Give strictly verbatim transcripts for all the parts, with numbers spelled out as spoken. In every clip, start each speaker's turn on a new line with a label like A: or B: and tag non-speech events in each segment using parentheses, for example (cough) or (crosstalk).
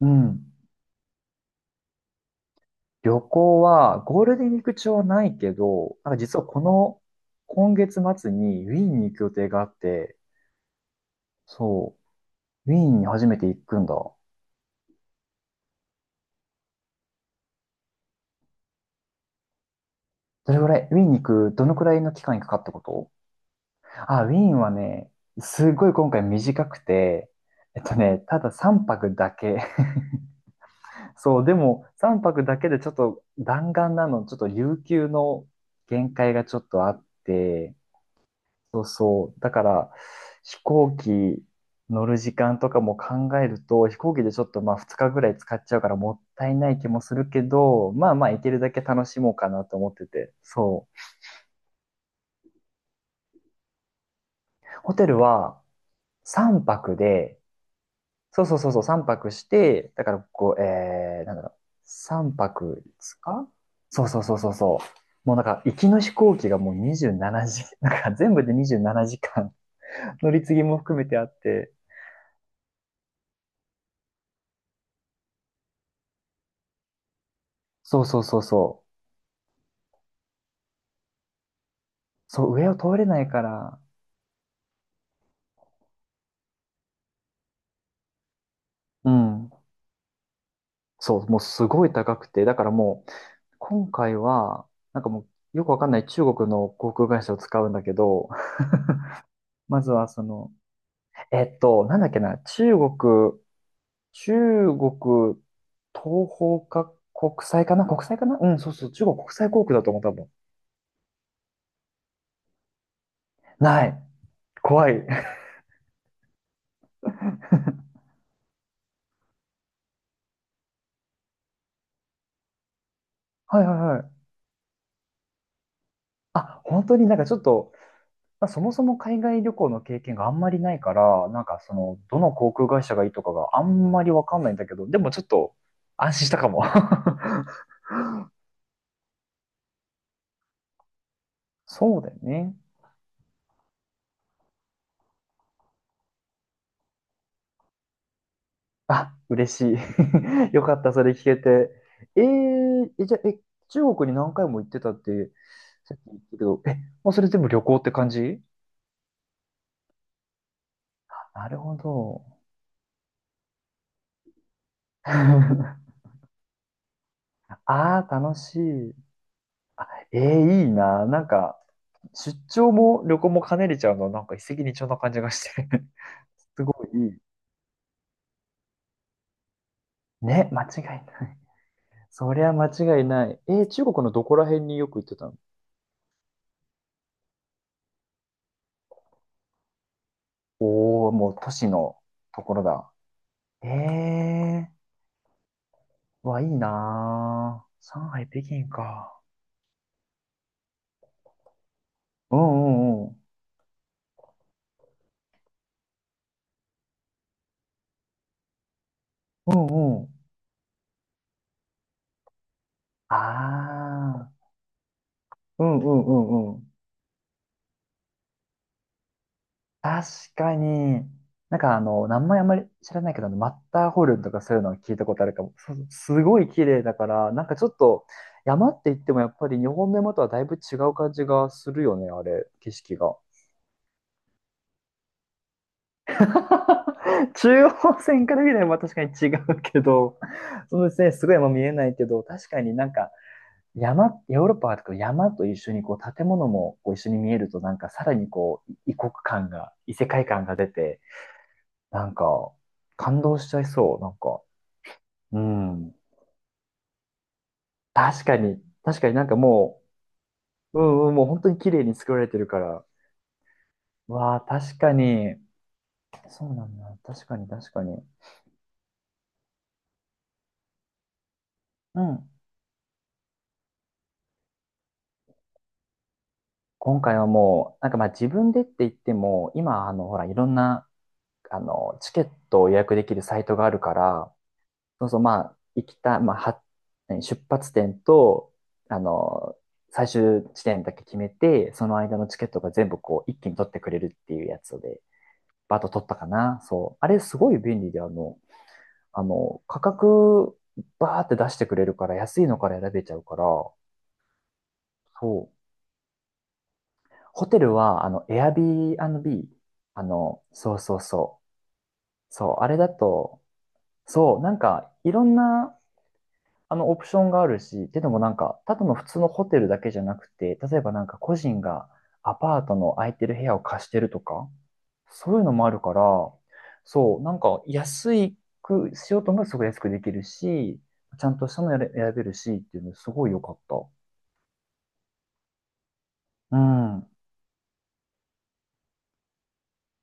A: うん。旅行は、ゴールデンウィーク中はないけど、なんか実はこの、今月末にウィーンに行く予定があって、そう、ウィーンに初めて行くんだ。どれぐらい、ウィーンに行く、どのくらいの期間にかかったこと？あ、ウィーンはね、すごい今回短くて、えっとね、たださんぱくだけ。(laughs) そう、でもさんぱくだけでちょっと弾丸なの、ちょっと有給の限界がちょっとあって、そうそう。だから、飛行機乗る時間とかも考えると、飛行機でちょっとまあふつかぐらい使っちゃうからもったいない気もするけど、まあまあ行けるだけ楽しもうかなと思ってて。そう。ホテルはさんぱくで、そうそうそうそう、さんぱくして、だからこう、えー、なんだろう、さんぱくごか、そうそうそうそうそう。もうなんか、行きの飛行機がもうにじゅうしちじ、(laughs) なんか全部でにじゅうななじかん (laughs) 乗り継ぎも含めてあって、そうそうそうそう。そう、上を通れないから、うん。そう、もうすごい高くて、だからもう、今回は、なんかもう、よくわかんない中国の航空会社を使うんだけど、(laughs) まずはその、えっと、なんだっけな、中国、中国東方か国際かな、国際かな、うん、そうそう、中国国際航空だと思う、多分。ない。怖い。(laughs) はいはいはい。あ、本当になんかちょっと、まあそもそも海外旅行の経験があんまりないから、なんかその、どの航空会社がいいとかがあんまりわかんないんだけど、でもちょっと安心したかも。(laughs) そうだよね。あ、嬉しい。(laughs) よかった、それ聞けて。えー、え、じゃあ、え、中国に何回も行ってたって、さっき言ったけど、え、もうそれ全部旅行って感じ？なるほど。(laughs) ああ、楽しい。えー、いいな。なんか、出張も旅行も兼ねれちゃうの、なんか一石二鳥な感じがして。すごいいい。ね、間違いない。そりゃ間違いない。えー中国のどこら辺によく行ってたの？おおー、もう都市のところだ。ええー、わ、いいなー。上海、北京か。うんうんうん。うんうん。ああ、うんうんうんうん。確かに、なんかあの、名前あんまり知らないけど、あのマッターホルンとかそういうのを聞いたことあるかも。そうそうすごい綺麗だから、なんかちょっと山って言ってもやっぱり日本の山とはだいぶ違う感じがするよね、あれ、景色が。(laughs) 中央線から見れば確かに違うけど、そうですね、すごい山見えないけど、確かになんか山、ヨーロッパとか山と一緒にこう建物もこう一緒に見えると、なんかさらにこう異国感が、異世界感が出て、なんか、感動しちゃいそう。なんか、うん。確かに、確かになんかもう、うんうん、もう本当に綺麗に作られてるから。わあ、確かに。そうなんだ。確かに、確かに。うん。今回はもう、なんかまあ自分でって言っても、今、あの、ほら、いろんな、あの、チケットを予約できるサイトがあるから、そうそう、まあ、行きた、まあ、は、何出発点と、あの、最終地点だけ決めて、その間のチケットが全部こう、一気に取ってくれるっていうやつで、バーッと取ったかな。そう。あれ、すごい便利で、あの、あの、価格、バーって出してくれるから、安いのから選べちゃうから、そう。ホテルは、あの、エアビービー、あの、そうそうそう。そう、あれだと、そう、なんか、いろんなあのオプションがあるし、っていうのもなんか、ただの普通のホテルだけじゃなくて、例えばなんか個人がアパートの空いてる部屋を貸してるとか、そういうのもあるから、そう、なんか安くしようと思えばすごい安くできるし、ちゃんとしたのやれ選べるしっていうのすごい良かった。うん。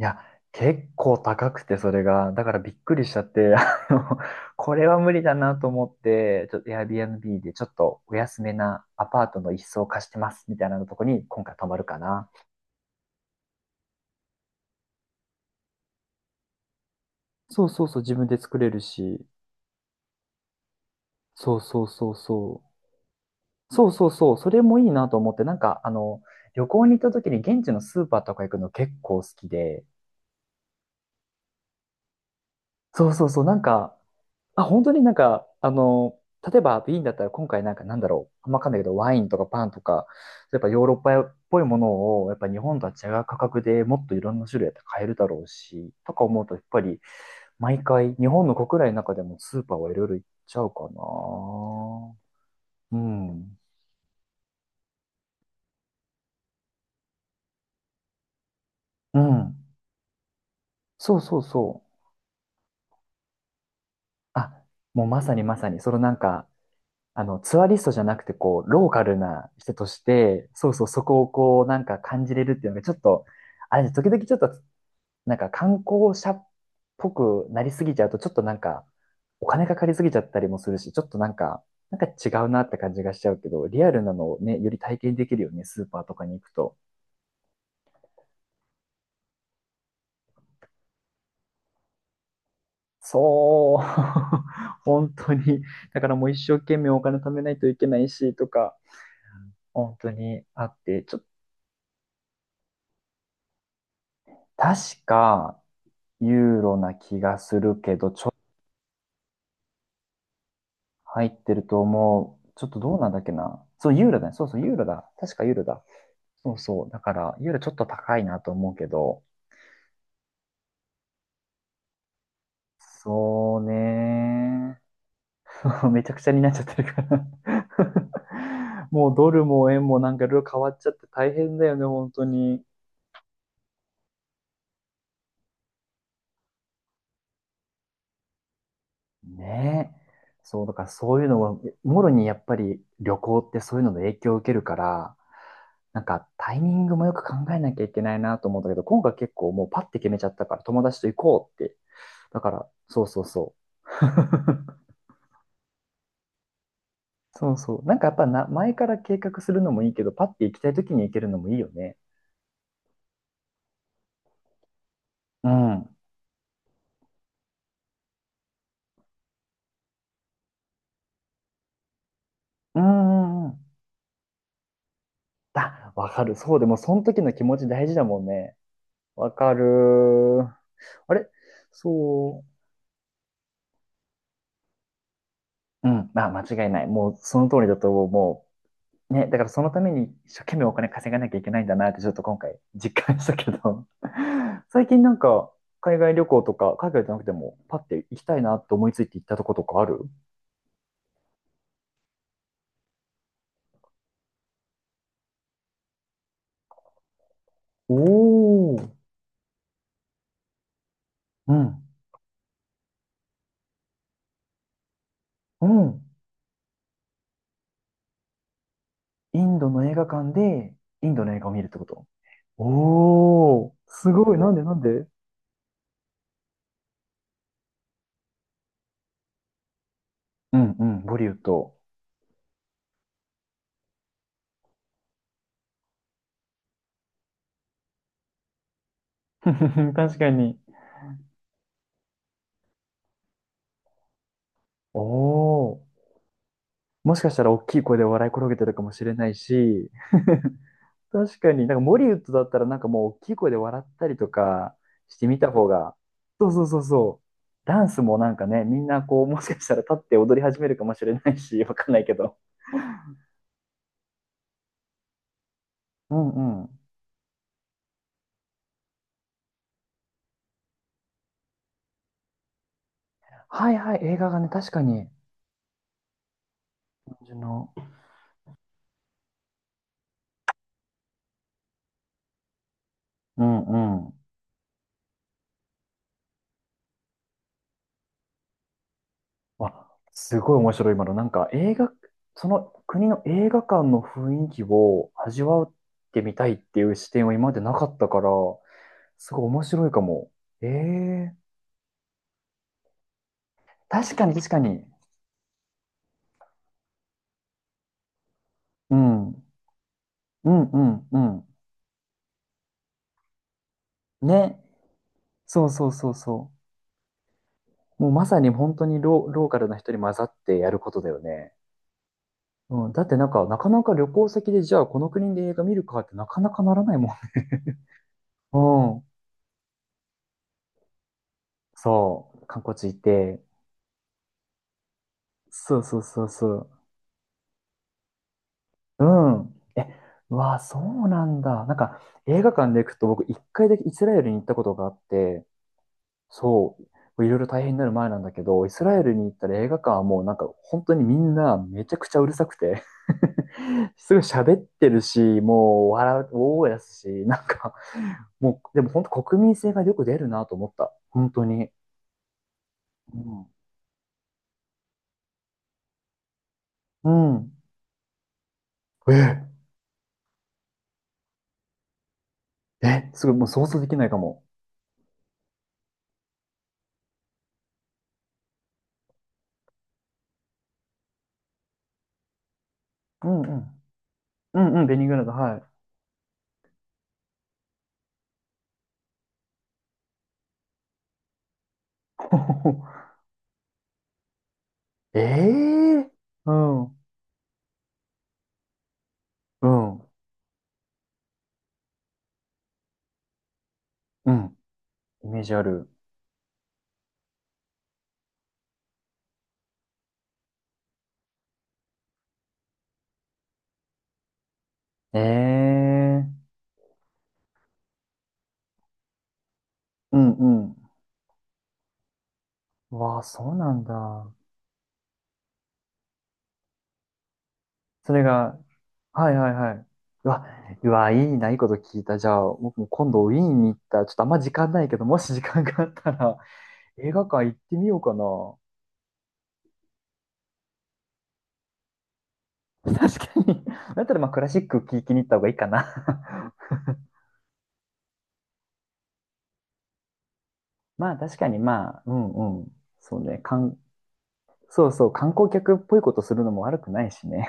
A: いや、結構高くて、それが。だからびっくりしちゃって、(laughs) あの、これは無理だなと思って、ちょっと エアビーアンドビー でちょっとお安めなアパートの一室を貸してます、みたいなとこに今回泊まるかな。そうそうそう、自分で作れるし。そうそうそうそう。そうそうそう、それもいいなと思って、なんか、あの、旅行に行った時に現地のスーパーとか行くの結構好きで、そうそうそう、なんか、あ、本当になんか、あの、例えばビーンだったら今回なんかなんだろう、あんまわかんないけど、ワインとかパンとか、やっぱヨーロッパっぽいものを、やっぱ日本とは違う価格でもっといろんな種類やって買えるだろうし、とか思うと、やっぱり毎回日本の国内の中でもスーパーはいろいろ行っちゃうかな。うん。うん。そうそうそう。あ、もうまさにまさに、そのなんか、あの、ツアリストじゃなくて、こう、ローカルな人として、そうそう、そこをこう、なんか感じれるっていうのが、ちょっと、あれね、時々ちょっと、なんか観光者っぽくなりすぎちゃうと、ちょっとなんか、お金かかりすぎちゃったりもするし、ちょっとなんか、なんか違うなって感じがしちゃうけど、リアルなのをね、より体験できるよね、スーパーとかに行くと。そう、(laughs) 本当に。だからもう一生懸命お金貯めないといけないし、とか、本当にあって、ちょっと、確か、ユーロな気がするけど、ちょっと入ってると思う。ちょっとどうなんだっけな。そう、ユーロだね。そうそう、ユーロだ。確かユーロだ。そうそう。だから、ユーロちょっと高いなと思うけど、そうね。(laughs) めちゃくちゃになっちゃってるから (laughs) もうドルも円もなんかいろいろ変わっちゃって大変だよね、本当に。ねえ。そう、だからそういうのは、もろにやっぱり旅行ってそういうので影響を受けるから、なんかタイミングもよく考えなきゃいけないなと思うんだけど、今回結構もうパッて決めちゃったから友達と行こうって。だから、そうそうそう。(laughs) そうそう。なんかやっぱな、前から計画するのもいいけど、パッて行きたい時に行けるのもいいよね。うん。うんうんうん。あ、わかる。そうでも、その時の気持ち大事だもんね。わかる。あれそう。うん。あ、間違いない。もう、その通りだと思う。もう、ね、だからそのために一生懸命お金稼がなきゃいけないんだなってちょっと今回実感したけど (laughs) 最近なんか海外旅行とか海外じゃなくてもパッて行きたいなって思いついて行ったとことかある？おおー、うん、うん。インドの映画館でインドの映画を見るってこと？おおー、すごい。なんでなんで。うんうん、ボリウッド。 (laughs)。確かに。おお、もしかしたら大きい声で笑い転げてるかもしれないし。確かに、なんかモリウッドだったらなんかもう大きい声で笑ったりとかしてみた方が、そうそうそうそう。ダンスもなんかね、みんなこう、もしかしたら立って踊り始めるかもしれないし、わかんないけど。うんうん。はいはい、映画がね、確かに。感じの。うんうん。わ、すごい面白い今の。なんか映画、その国の映画館の雰囲気を味わってみたいっていう視点は今までなかったから、すごい面白いかも。ええ、確かに確かに。うん。うんうんうん。ね。そうそうそうそう。もうまさに本当にロー、ローカルな人に混ざってやることだよね。うん。だってなんか、なかなか旅行先でじゃあこの国で映画見るかってなかなかならないもんね。(laughs) うん。そう。観光地行って。そうそうそうそう。うん。え、うわあ、そうなんだ。なんか、映画館で行くと僕一回だけイスラエルに行ったことがあって、そう、いろいろ大変になる前なんだけど、イスラエルに行ったら映画館はもうなんか本当にみんなめちゃくちゃうるさくて、 (laughs) すごい喋ってるし、もう笑う、大声出すし、なんかもう、でも本当国民性がよく出るなと思った。本当に。うん。うん。え、え、すごい、もう想像できないかも。うんうん。うんうん、ベニグラード、はい。(laughs) ええ、うん。うん。うん。イメージある。ええ、うんうん。わあ、そうなんだ。それが、はいはいはい。うわ、うわ、いいな、いいこと聞いた。じゃあ、僕も今度ウィーンに行ったら、ちょっとあんま時間ないけど、もし時間があったら、(laughs) 映画館行ってみようかな。(laughs) 確かに。だったら、まあ、クラシック聴きに行った方がいいかな。(laughs) まあ、確かに、まあ、うん、うん。そうね、かん、そうそう、観光客っぽいことするのも悪くないしね。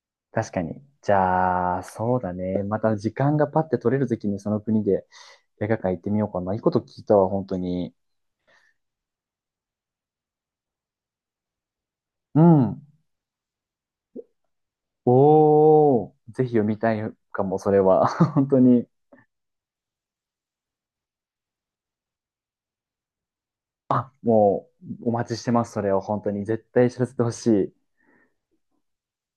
A: (laughs) 確かに。じゃあ、そうだね。また時間がパッて取れるときにその国で映画館行ってみようかな。いいこと聞いたわ、本当に。うん。おー、ぜひ読みたいかも、それは。(laughs) 本当に、もう、お待ちしてます、それを。本当に、絶対知らせてほしい。